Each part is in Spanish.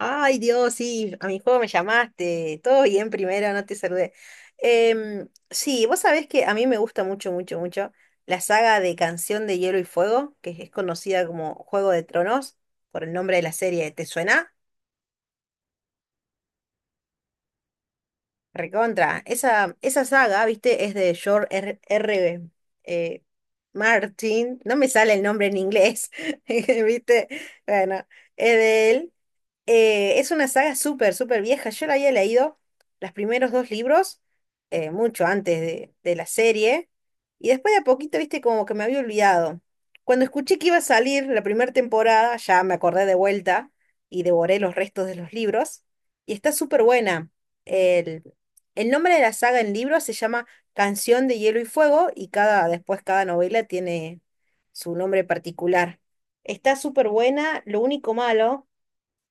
Ay, Dios, sí, a mi juego me llamaste. Todo bien primero, no te saludé. Sí, vos sabés que a mí me gusta mucho, mucho, mucho la saga de Canción de Hielo y Fuego, que es conocida como Juego de Tronos, por el nombre de la serie. ¿Te suena? Recontra. Esa saga, viste, es de George R. R. eh, Martin. No me sale el nombre en inglés, viste. Bueno, es de él. Es una saga súper, súper vieja. Yo la había leído los primeros dos libros, mucho antes de la serie, y después de a poquito, viste, como que me había olvidado. Cuando escuché que iba a salir la primera temporada, ya me acordé de vuelta y devoré los restos de los libros, y está súper buena. El, el nombre de la saga en libros se llama Canción de Hielo y Fuego, y cada, después cada novela tiene su nombre particular. Está súper buena, lo único malo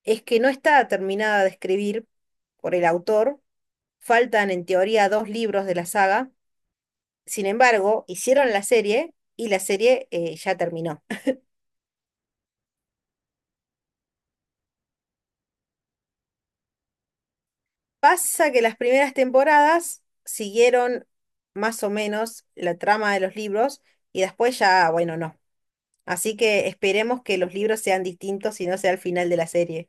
es que no está terminada de escribir por el autor. Faltan en teoría dos libros de la saga. Sin embargo, hicieron la serie y la serie ya terminó. Pasa que las primeras temporadas siguieron más o menos la trama de los libros y después ya, bueno, no. Así que esperemos que los libros sean distintos y no sea el final de la serie.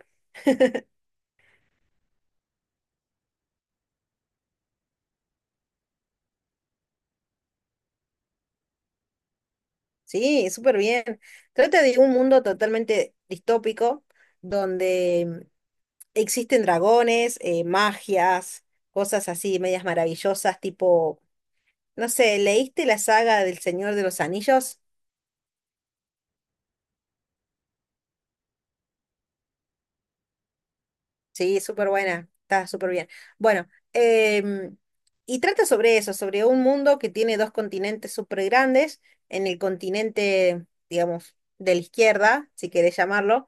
Sí, súper bien. Trata de un mundo totalmente distópico donde existen dragones, magias, cosas así, medias maravillosas, tipo, no sé, ¿leíste la saga del Señor de los Anillos? Sí, súper buena, está súper bien. Bueno, em, y trata sobre eso, sobre un mundo que tiene dos continentes súper grandes, en el continente, digamos, de la izquierda, si querés llamarlo,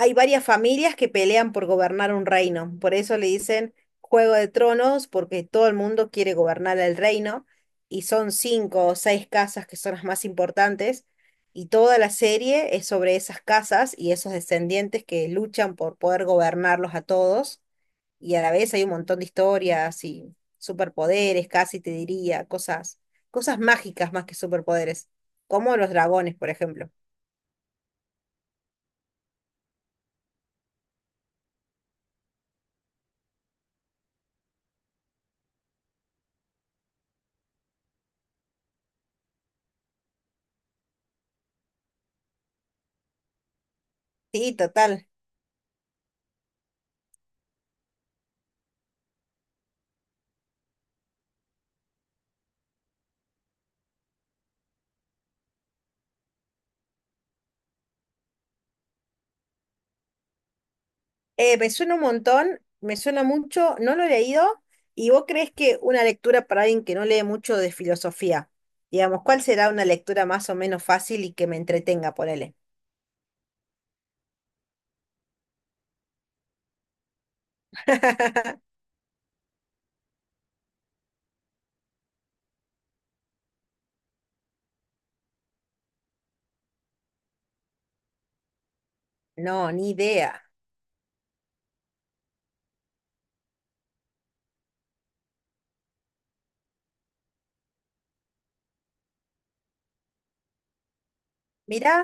hay varias familias que pelean por gobernar un reino, por eso le dicen Juego de Tronos, porque todo el mundo quiere gobernar el reino, y son cinco o seis casas que son las más importantes, y toda la serie es sobre esas casas y esos descendientes que luchan por poder gobernarlos a todos, y a la vez hay un montón de historias y superpoderes, casi te diría, cosas, cosas mágicas más que superpoderes, como los dragones, por ejemplo. Sí, total. Me suena un montón, me suena mucho, no lo he leído. ¿Y vos crees que una lectura para alguien que no lee mucho de filosofía, digamos, cuál será una lectura más o menos fácil y que me entretenga, ponele? No, ni idea. Mirá,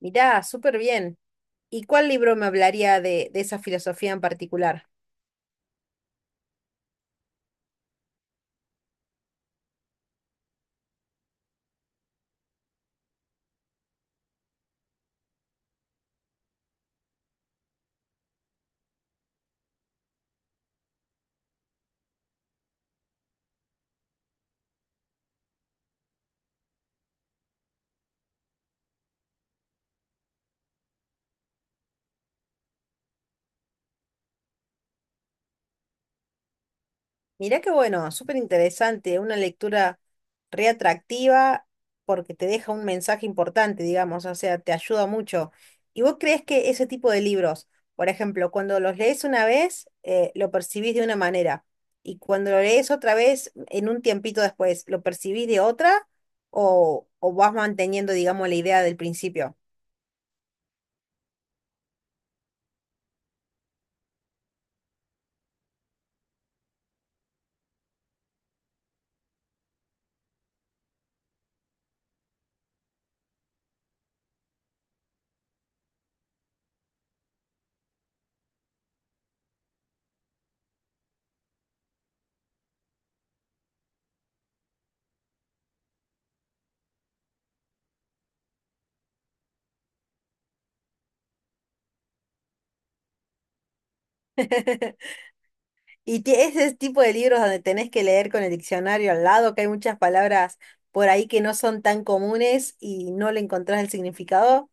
mirá, súper bien. ¿Y cuál libro me hablaría de esa filosofía en particular? Mirá qué bueno, súper interesante, una lectura reatractiva porque te deja un mensaje importante, digamos, o sea, te ayuda mucho. ¿Y vos crees que ese tipo de libros, por ejemplo, cuando los lees una vez, lo percibís de una manera, y cuando lo lees otra vez, en un tiempito después, lo percibís de otra, o vas manteniendo, digamos, la idea del principio? Y ese tipo de libros donde tenés que leer con el diccionario al lado, que hay muchas palabras por ahí que no son tan comunes y no le encontrás el significado.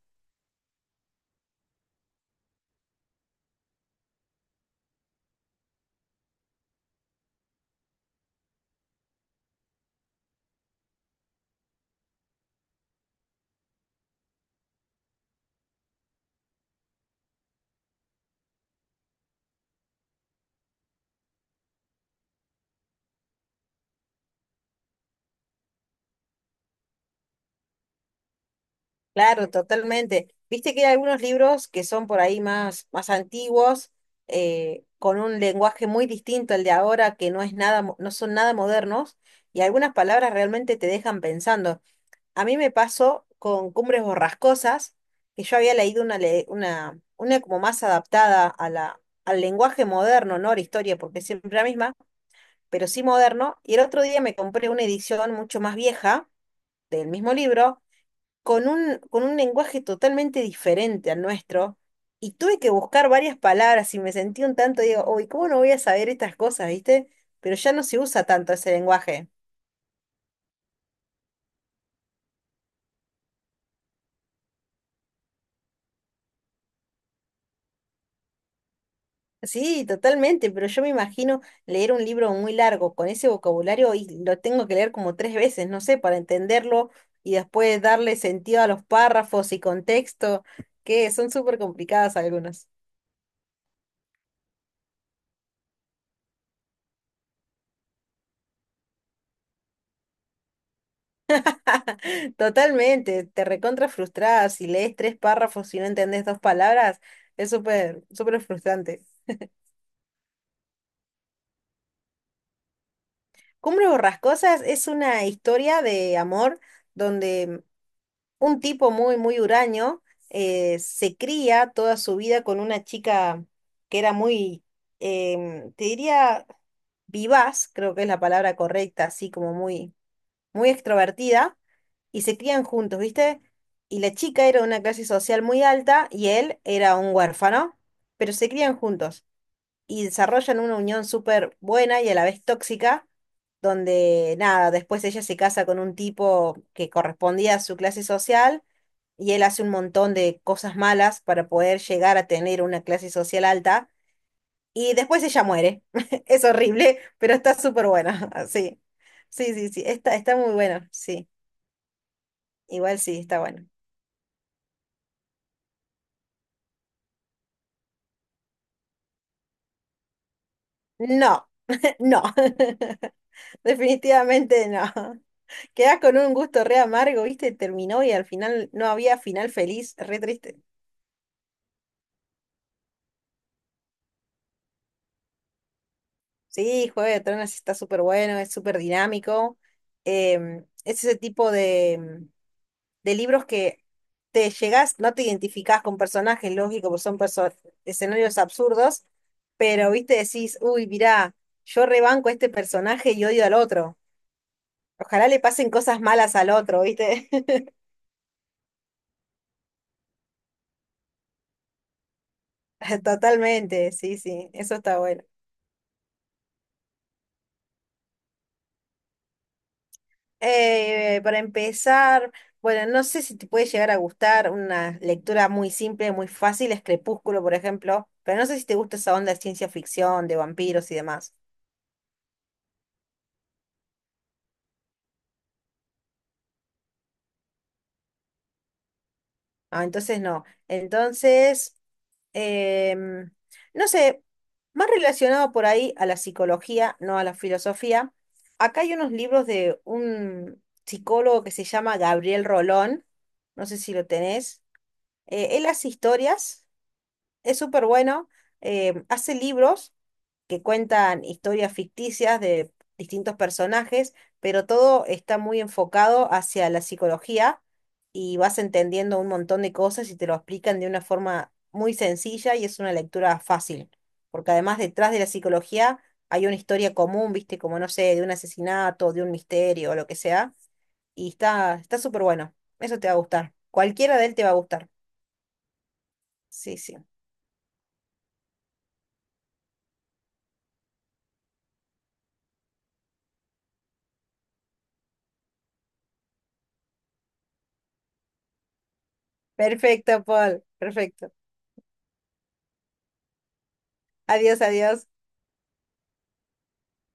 Claro, totalmente. Viste que hay algunos libros que son por ahí más, más antiguos, con un lenguaje muy distinto al de ahora, que no es nada, no son nada modernos, y algunas palabras realmente te dejan pensando. A mí me pasó con Cumbres Borrascosas, que yo había leído una, una como más adaptada a al lenguaje moderno, no a la historia, porque es siempre la misma, pero sí moderno. Y el otro día me compré una edición mucho más vieja del mismo libro, con con un lenguaje totalmente diferente al nuestro. Y tuve que buscar varias palabras y me sentí un tanto, digo, uy, ¿cómo no voy a saber estas cosas, viste? Pero ya no se usa tanto ese lenguaje. Sí, totalmente, pero yo me imagino leer un libro muy largo con ese vocabulario y lo tengo que leer como tres veces, no sé, para entenderlo y después darle sentido a los párrafos y contexto, que son súper complicadas algunas. Totalmente, te recontra frustrada si lees tres párrafos y no entendés dos palabras, es súper, súper frustrante. Cumbres Borrascosas es una historia de amor donde un tipo muy, muy huraño, se cría toda su vida con una chica que era muy, te diría, vivaz, creo que es la palabra correcta, así como muy, muy extrovertida, y se crían juntos, ¿viste? Y la chica era de una clase social muy alta y él era un huérfano, pero se crían juntos y desarrollan una unión súper buena y a la vez tóxica donde nada, después ella se casa con un tipo que correspondía a su clase social y él hace un montón de cosas malas para poder llegar a tener una clase social alta y después ella muere. Es horrible, pero está súper buena. Sí, sí, sí, sí, está, está muy bueno, sí, igual sí, está bueno. No, no, definitivamente no. Quedás con un gusto re amargo, ¿viste? Terminó y al final no había final feliz, re triste. Sí, Juego de Tronos está súper bueno, es súper dinámico. Es ese tipo de libros que te llegás, no te identificás con personajes, lógico, porque son escenarios absurdos, pero viste, decís, uy, mirá, yo rebanco a este personaje y odio al otro. Ojalá le pasen cosas malas al otro, ¿viste? Totalmente, sí, sí, eso está bueno. Para empezar, bueno, no sé si te puede llegar a gustar una lectura muy simple, muy fácil, es Crepúsculo, por ejemplo, pero no sé si te gusta esa onda de ciencia ficción, de vampiros y demás. Ah, entonces no. Entonces, em, no sé, más relacionado por ahí a la psicología, no a la filosofía. Acá hay unos libros de un psicólogo que se llama Gabriel Rolón, no sé si lo tenés. Él hace historias, es súper bueno, hace libros que cuentan historias ficticias de distintos personajes, pero todo está muy enfocado hacia la psicología y vas entendiendo un montón de cosas y te lo explican de una forma muy sencilla y es una lectura fácil, porque además detrás de la psicología hay una historia común, viste, como no sé, de un asesinato, de un misterio o lo que sea, y está súper bueno. Eso te va a gustar. Cualquiera de él te va a gustar. Sí, sí. Perfecto, Paul. Perfecto. Adiós, adiós.